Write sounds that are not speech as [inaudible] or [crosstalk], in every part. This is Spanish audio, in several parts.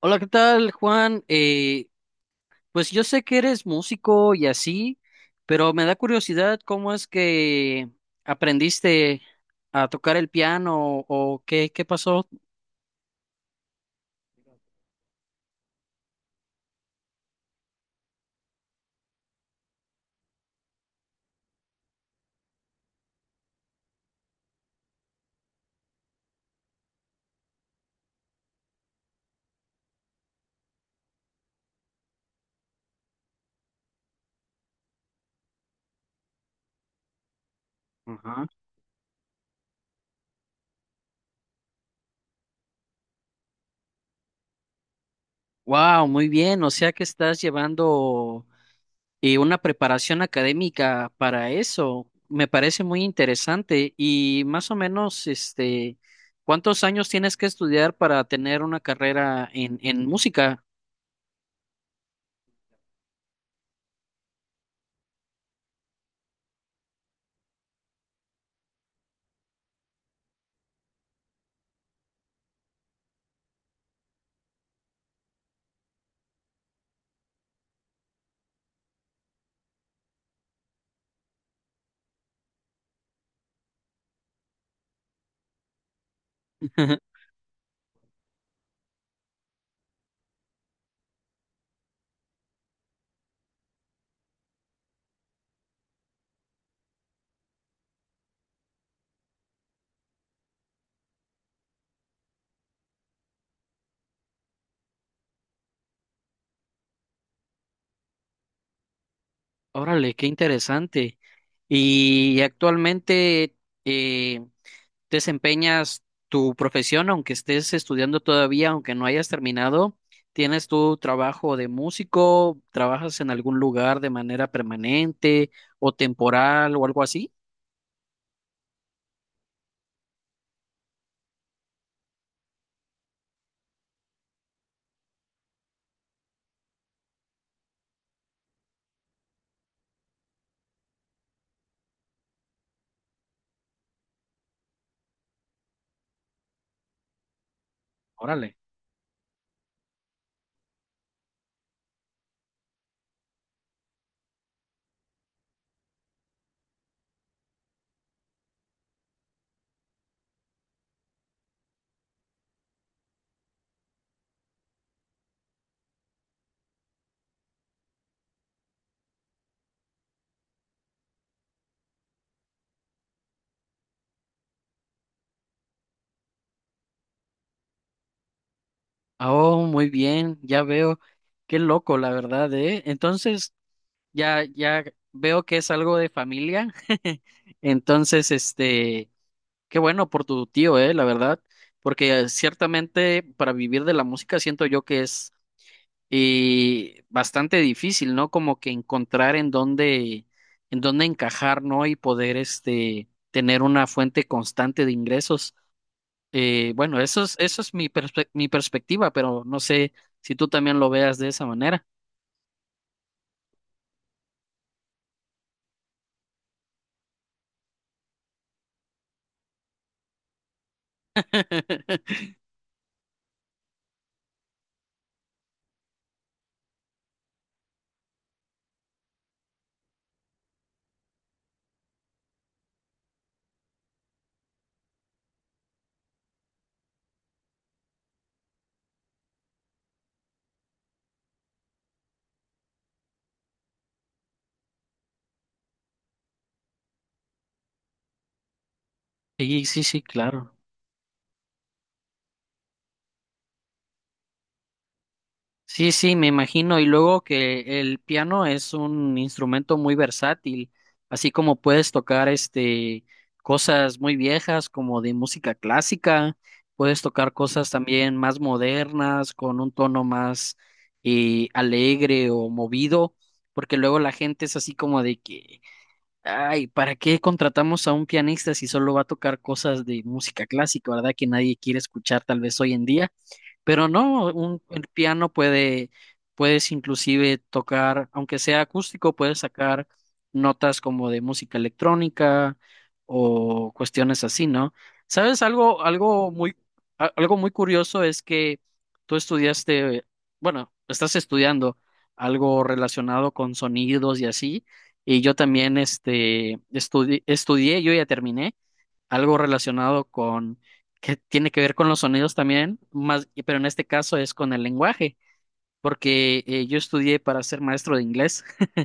Hola, ¿qué tal, Juan? Pues yo sé que eres músico y así, pero me da curiosidad cómo es que aprendiste a tocar el piano o qué pasó. Ajá. Wow, muy bien. O sea que estás llevando una preparación académica para eso. Me parece muy interesante. Y más o menos, ¿cuántos años tienes que estudiar para tener una carrera en música? [laughs] Órale, qué interesante. ¿Y actualmente eh, desempeñas tu profesión, aunque estés estudiando todavía, aunque no hayas terminado? ¿Tienes tu trabajo de músico? ¿Trabajas en algún lugar de manera permanente o temporal o algo así? Órale. Oh, muy bien, ya veo. Qué loco, la verdad, ¿eh? Entonces, ya veo que es algo de familia. [laughs] Entonces, este... Qué bueno por tu tío, la verdad, porque ciertamente para vivir de la música siento yo que es bastante difícil, ¿no? Como que encontrar en en dónde encajar, ¿no? Y poder este tener una fuente constante de ingresos. Bueno, eso es mi perspectiva, pero no sé si tú también lo veas de esa manera. [laughs] Sí, sí, sí, claro. Sí, sí, me imagino. Y luego que el piano es un instrumento muy versátil, así como puedes tocar este cosas muy viejas como de música clásica, puedes tocar cosas también más modernas con un tono más alegre o movido, porque luego la gente es así como de que, ay, ¿para qué contratamos a un pianista si solo va a tocar cosas de música clásica, verdad? Que nadie quiere escuchar tal vez hoy en día. Pero no, el piano puede, puedes inclusive tocar, aunque sea acústico, puedes sacar notas como de música electrónica o cuestiones así, ¿no? ¿Sabes? Algo muy, algo muy curioso es que tú estudiaste, bueno, estás estudiando algo relacionado con sonidos y así, y yo también, estudié, yo ya terminé algo relacionado que tiene que ver con los sonidos también, pero en este caso es con el lenguaje, porque yo estudié para ser maestro de inglés. [laughs]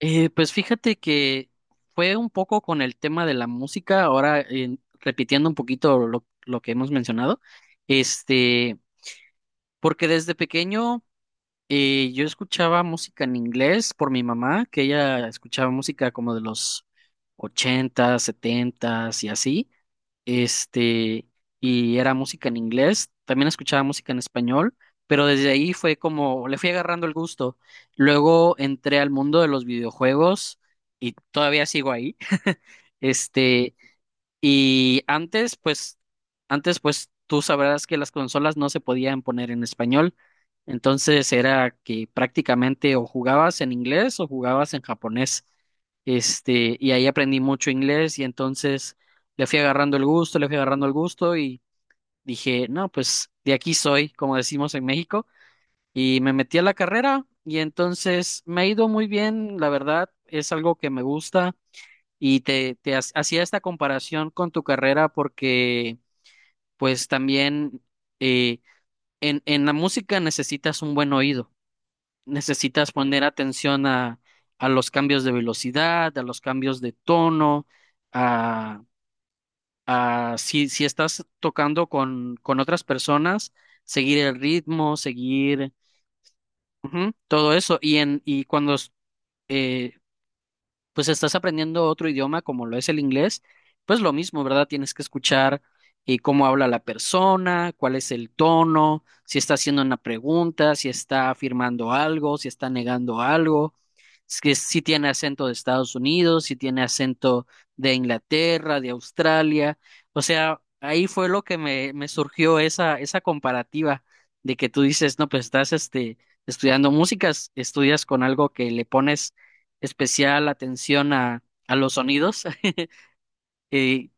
Pues fíjate que fue un poco con el tema de la música, ahora repitiendo un poquito lo que hemos mencionado, este, porque desde pequeño yo escuchaba música en inglés por mi mamá, que ella escuchaba música como de los 80, 70 y así. este, y era música en inglés, también escuchaba música en español, pero desde ahí fue como, le fui agarrando el gusto. Luego entré al mundo de los videojuegos y todavía sigo ahí. [laughs] Este, y antes, antes, pues, tú sabrás que las consolas no se podían poner en español. Entonces era que prácticamente o jugabas en inglés o jugabas en japonés. Este, y ahí aprendí mucho inglés y entonces le fui agarrando el gusto, le fui agarrando el gusto y dije, no, pues de aquí soy, como decimos en México, y me metí a la carrera y entonces me ha ido muy bien, la verdad, es algo que me gusta, y hacía esta comparación con tu carrera porque, pues también eh, en la música necesitas un buen oído, necesitas poner atención a los cambios de velocidad, a los cambios de tono, a, a si estás tocando con otras personas, seguir el ritmo, seguir ujú, todo eso. Y cuando pues estás aprendiendo otro idioma como lo es el inglés, pues lo mismo, ¿verdad? Tienes que escuchar cómo habla la persona, cuál es el tono, si está haciendo una pregunta, si está afirmando algo, si está negando algo, si tiene acento de Estados Unidos, si tiene acento de Inglaterra, de Australia. O sea, ahí fue lo que me surgió esa comparativa de que tú dices, no, pues estás estudiando músicas, estudias con algo que le pones especial atención a los sonidos. [laughs] eh,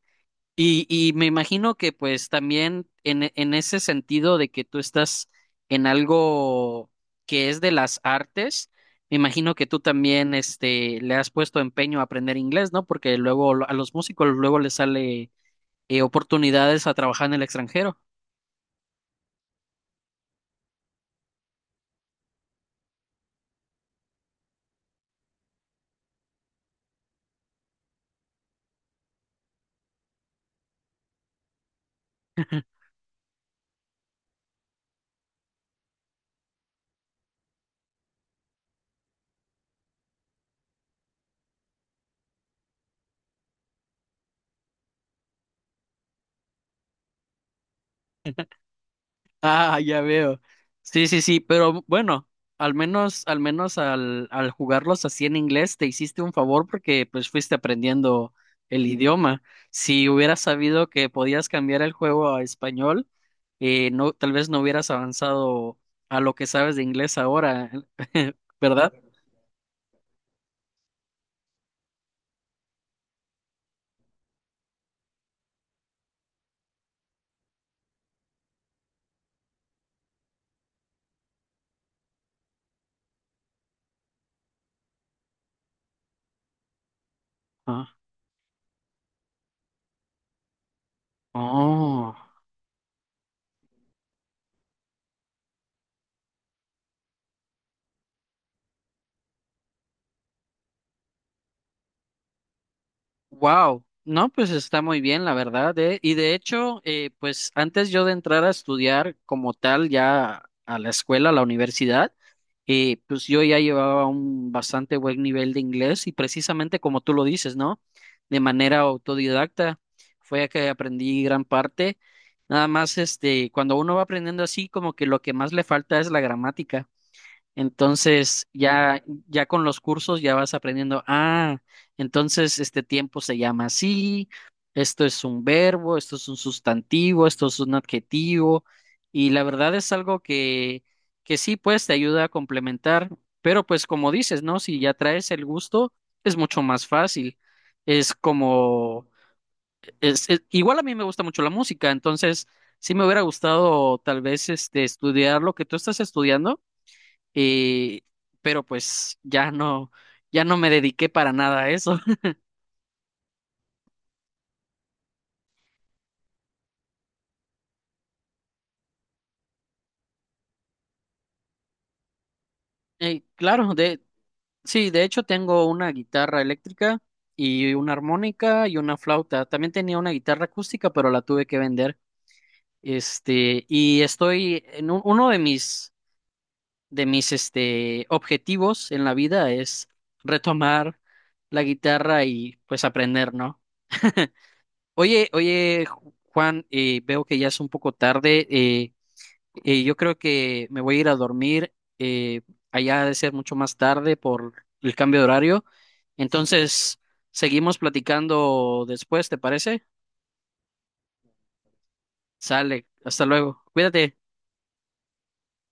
y me imagino que pues también en ese sentido de que tú estás en algo que es de las artes, me imagino que tú también le has puesto empeño a aprender inglés, ¿no? Porque luego a los músicos luego les sale oportunidades a trabajar en el extranjero. Ah, ya veo. Sí, sí, sí, pero bueno, al menos, al menos al jugarlos así en inglés te hiciste un favor porque pues fuiste aprendiendo el idioma. Si hubieras sabido que podías cambiar el juego a español, no, tal vez no hubieras avanzado a lo que sabes de inglés ahora, [laughs] ¿verdad? Ah, oh. Wow, no, pues está muy bien, la verdad, ¿eh? Y de hecho, pues antes yo de entrar a estudiar como tal ya a la escuela, a la universidad, pues yo ya llevaba un bastante buen nivel de inglés y precisamente como tú lo dices, ¿no? De manera autodidacta fue que aprendí gran parte. Nada más, este, cuando uno va aprendiendo así, como que lo que más le falta es la gramática. Entonces, ya con los cursos ya vas aprendiendo, ah, entonces este tiempo se llama así, esto es un verbo, esto es un sustantivo, esto es un adjetivo, y la verdad es algo que sí, pues te ayuda a complementar, pero pues como dices, ¿no? Si ya traes el gusto, es mucho más fácil. Es como, igual a mí me gusta mucho la música, entonces sí me hubiera gustado tal vez estudiar lo que tú estás estudiando y, pero pues ya no, ya no me dediqué para nada a eso. [laughs] Claro, sí, de hecho tengo una guitarra eléctrica y una armónica y una flauta. También tenía una guitarra acústica, pero la tuve que vender. Este, y estoy en uno de de mis, este, objetivos en la vida es retomar la guitarra y pues aprender, ¿no? Oye, Juan, veo que ya es un poco tarde. Yo creo que me voy a ir a dormir. eh, allá ha de ser mucho más tarde por el cambio de horario. Entonces, seguimos platicando después, ¿te parece? Sale. Hasta luego. Cuídate.